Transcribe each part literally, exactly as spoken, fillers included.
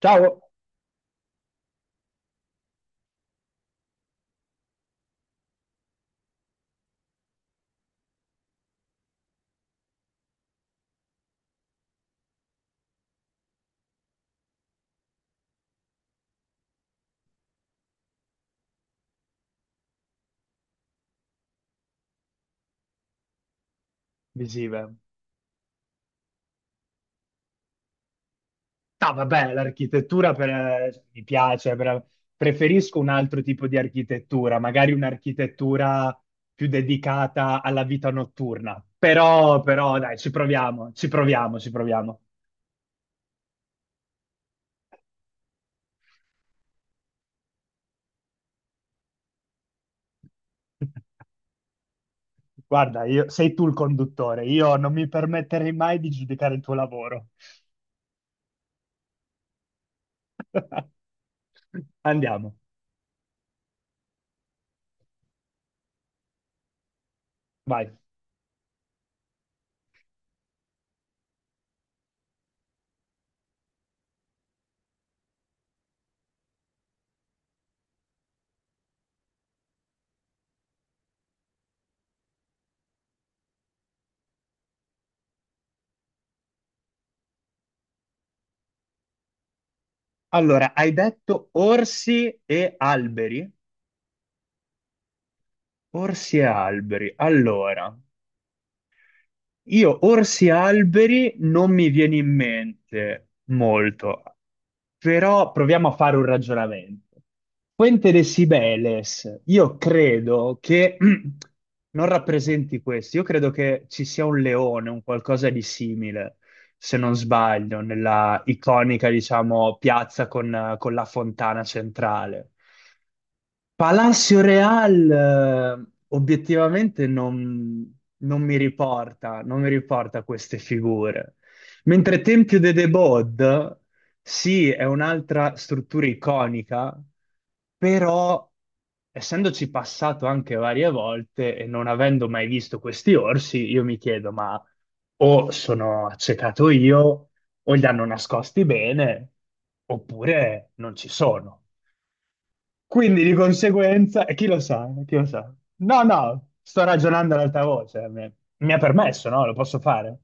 Ciao, visive. Ah, vabbè, l'architettura per- eh, mi piace, per- preferisco un altro tipo di architettura, magari un'architettura più dedicata alla vita notturna. Però, però, dai, ci proviamo, ci proviamo, ci proviamo. Guarda, io- sei tu il conduttore, io non mi permetterei mai di giudicare il tuo lavoro. Andiamo, vai. Allora, hai detto orsi e alberi? Orsi e alberi. Allora, io orsi e alberi non mi viene in mente molto, però proviamo a fare un ragionamento. Fuente de Sibeles, io credo che non rappresenti questo, io credo che ci sia un leone, un qualcosa di simile, se non sbaglio, nella iconica, diciamo, piazza con, con la fontana centrale. Palacio Real, eh, obiettivamente non, non mi riporta, non mi riporta queste figure. Mentre Tempio de Debod, sì, è un'altra struttura iconica, però essendoci passato anche varie volte e non avendo mai visto questi orsi, io mi chiedo, ma o sono accecato io, o li hanno nascosti bene, oppure non ci sono. Quindi di conseguenza, e chi lo sa, chi lo sa. No, no, sto ragionando ad alta voce, mi mi ha permesso, no? Lo posso fare.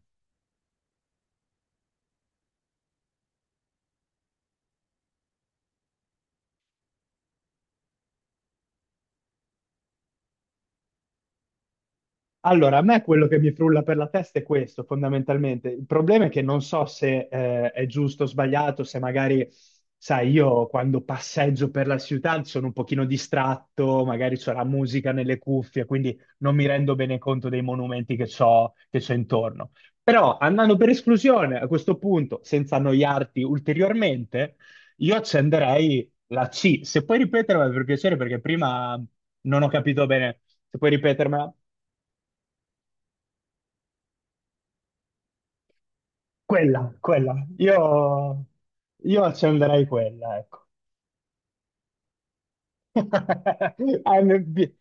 Allora, a me quello che mi frulla per la testa è questo, fondamentalmente. Il problema è che non so se eh, è giusto o sbagliato, se magari, sai, io quando passeggio per la città sono un pochino distratto, magari c'è la musica nelle cuffie, quindi non mi rendo bene conto dei monumenti che c'ho, che c'ho intorno. Però, andando per esclusione, a questo punto, senza annoiarti ulteriormente, io accenderei la C. Se puoi ripetermela per piacere, perché prima non ho capito bene. Se puoi ripetermela. Quella, quella. Io, io accenderei quella, ecco. Eh, mi, pi-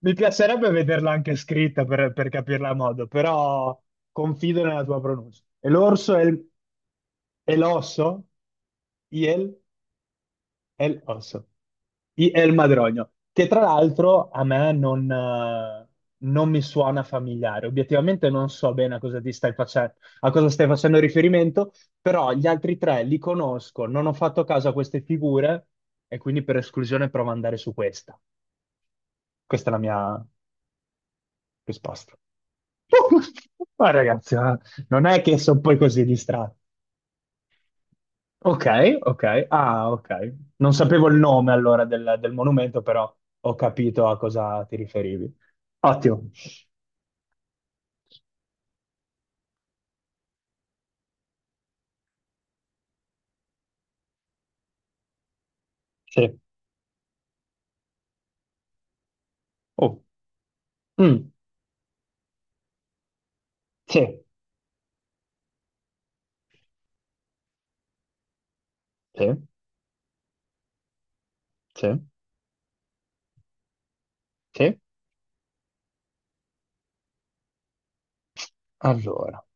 mi piacerebbe vederla anche scritta per, per capirla a modo, però confido nella tua pronuncia. E l'orso è il, è l'osso? Il è l'osso. I- È il Madrogno, che tra l'altro a me non, eh, non mi suona familiare. Obiettivamente non so bene a cosa ti stai facendo, a cosa stai facendo riferimento, però gli altri tre li conosco, non ho fatto caso a queste figure e quindi per esclusione provo ad andare su questa. Questa è la mia risposta. Ma ragazzi, ma non è che sono poi così distratto. Ok, ok. Ah, ok. Non sapevo il nome allora del, del monumento, però ho capito a cosa ti riferivi. Ottimo. Sì. Oh. Mm. Sì, sì, sì, sì. Allora,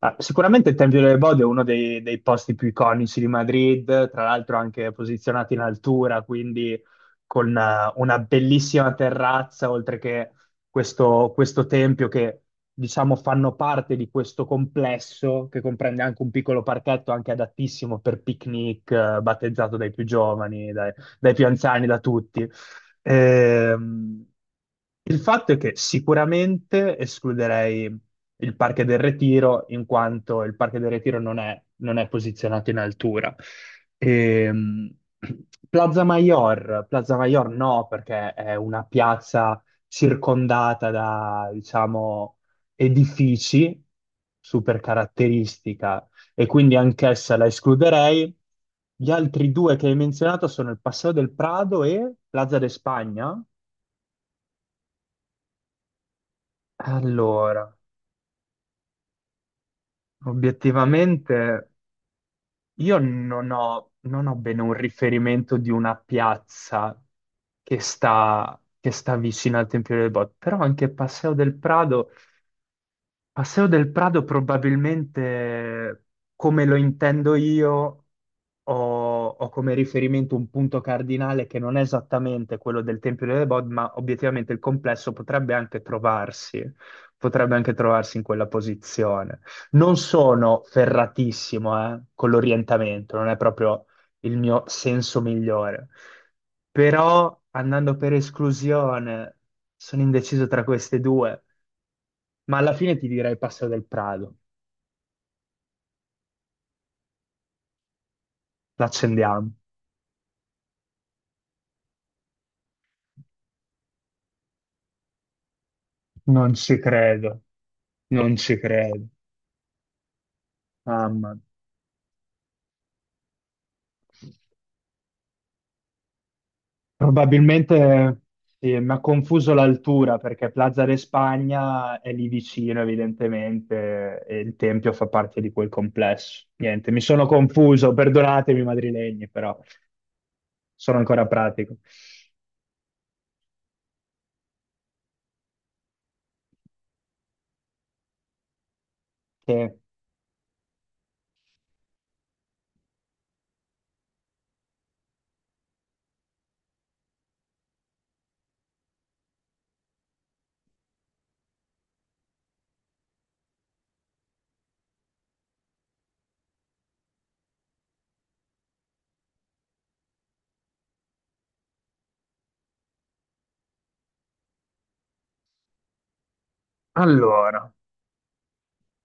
ah, sicuramente il Tempio delle Bode è uno dei, dei posti più iconici di Madrid, tra l'altro anche posizionato in altura, quindi con eh, una bellissima terrazza, oltre che questo, questo tempio che diciamo fanno parte di questo complesso che comprende anche un piccolo parchetto anche adattissimo per picnic, eh, battezzato dai più giovani, dai, dai più anziani, da tutti. Ehm, il fatto è che sicuramente escluderei il Parque del Retiro, in quanto il Parque del Retiro non è, non è posizionato in altura. Ehm, Plaza Mayor, Plaza Mayor no, perché è una piazza circondata da, diciamo, edifici super caratteristica e quindi anch'essa la escluderei. Gli altri due che hai menzionato sono il Paseo del Prado e Plaza de Spagna. Allora, obiettivamente io non ho, non ho bene un riferimento di una piazza che sta, che sta vicino al Tempio del Bot, però anche Paseo del Prado, Paseo del Prado probabilmente come lo intendo io ho, ho come riferimento un punto cardinale che non è esattamente quello del Tempio delle Bod, ma obiettivamente il complesso potrebbe anche trovarsi, potrebbe anche trovarsi in quella posizione. Non sono ferratissimo, eh, con l'orientamento, non è proprio il mio senso migliore, però andando per esclusione sono indeciso tra queste due, ma alla fine ti direi Passo del Prado. L'accendiamo. Non ci credo, non ci credo. Mamma mia. Probabilmente sì, mi ha confuso l'altura perché Plaza de Spagna è lì vicino, evidentemente, e il Tempio fa parte di quel complesso. Niente, mi sono confuso, perdonatemi madrilegni, però sono ancora pratico. Eh, Allora,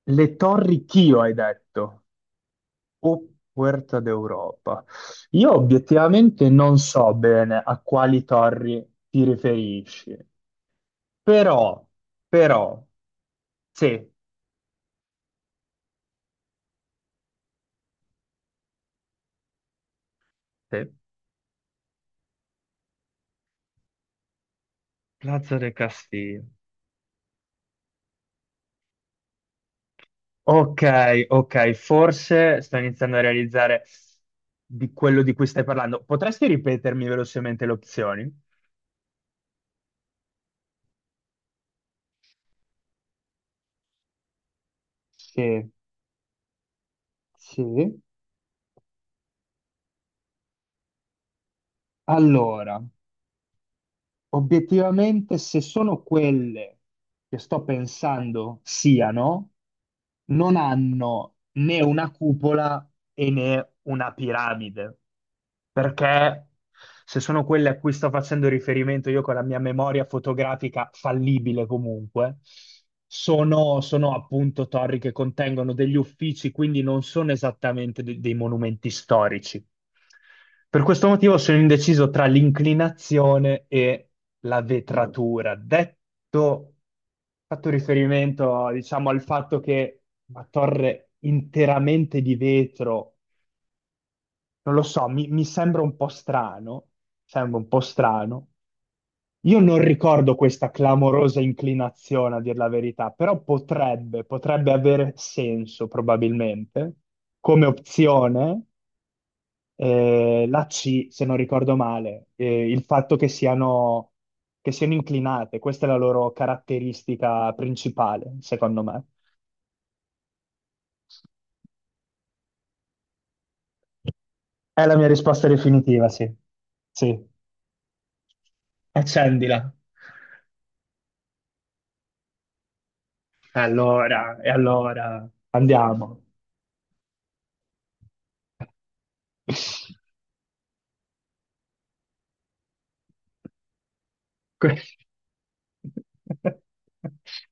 le Torri Chio hai detto, o Puerta d'Europa. Io obiettivamente non so bene a quali torri ti riferisci, però, però, sì. Sì. Plaza de Castillo. Ok, ok, forse sto iniziando a realizzare di quello di cui stai parlando. Potresti ripetermi velocemente le opzioni? Sì, sì. Allora, obiettivamente, se sono quelle che sto pensando siano, non hanno né una cupola e né una piramide, perché se sono quelle a cui sto facendo riferimento io con la mia memoria fotografica fallibile comunque, sono, sono appunto torri che contengono degli uffici, quindi non sono esattamente de- dei monumenti storici. Per questo motivo sono indeciso tra l'inclinazione e la vetratura. Detto, fatto riferimento, diciamo, al fatto che una torre interamente di vetro, non lo so, mi, mi sembra un po' strano, sembra un po' strano. Io non ricordo questa clamorosa inclinazione, a dir la verità, però potrebbe, potrebbe avere senso probabilmente come opzione eh, la C, se non ricordo male, eh, il fatto che siano, che siano inclinate, questa è la loro caratteristica principale, secondo me. È la mia risposta definitiva, sì. Sì, accendila. E allora, e allora, andiamo. Que-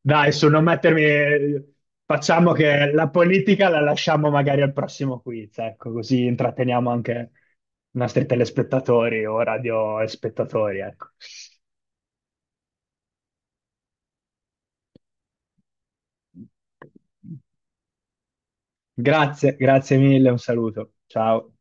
Dai, su, non mettermi... Facciamo che la politica la lasciamo magari al prossimo quiz, ecco, così intratteniamo anche i nostri telespettatori o radio spettatori, ecco. Grazie, grazie mille, un saluto. Ciao.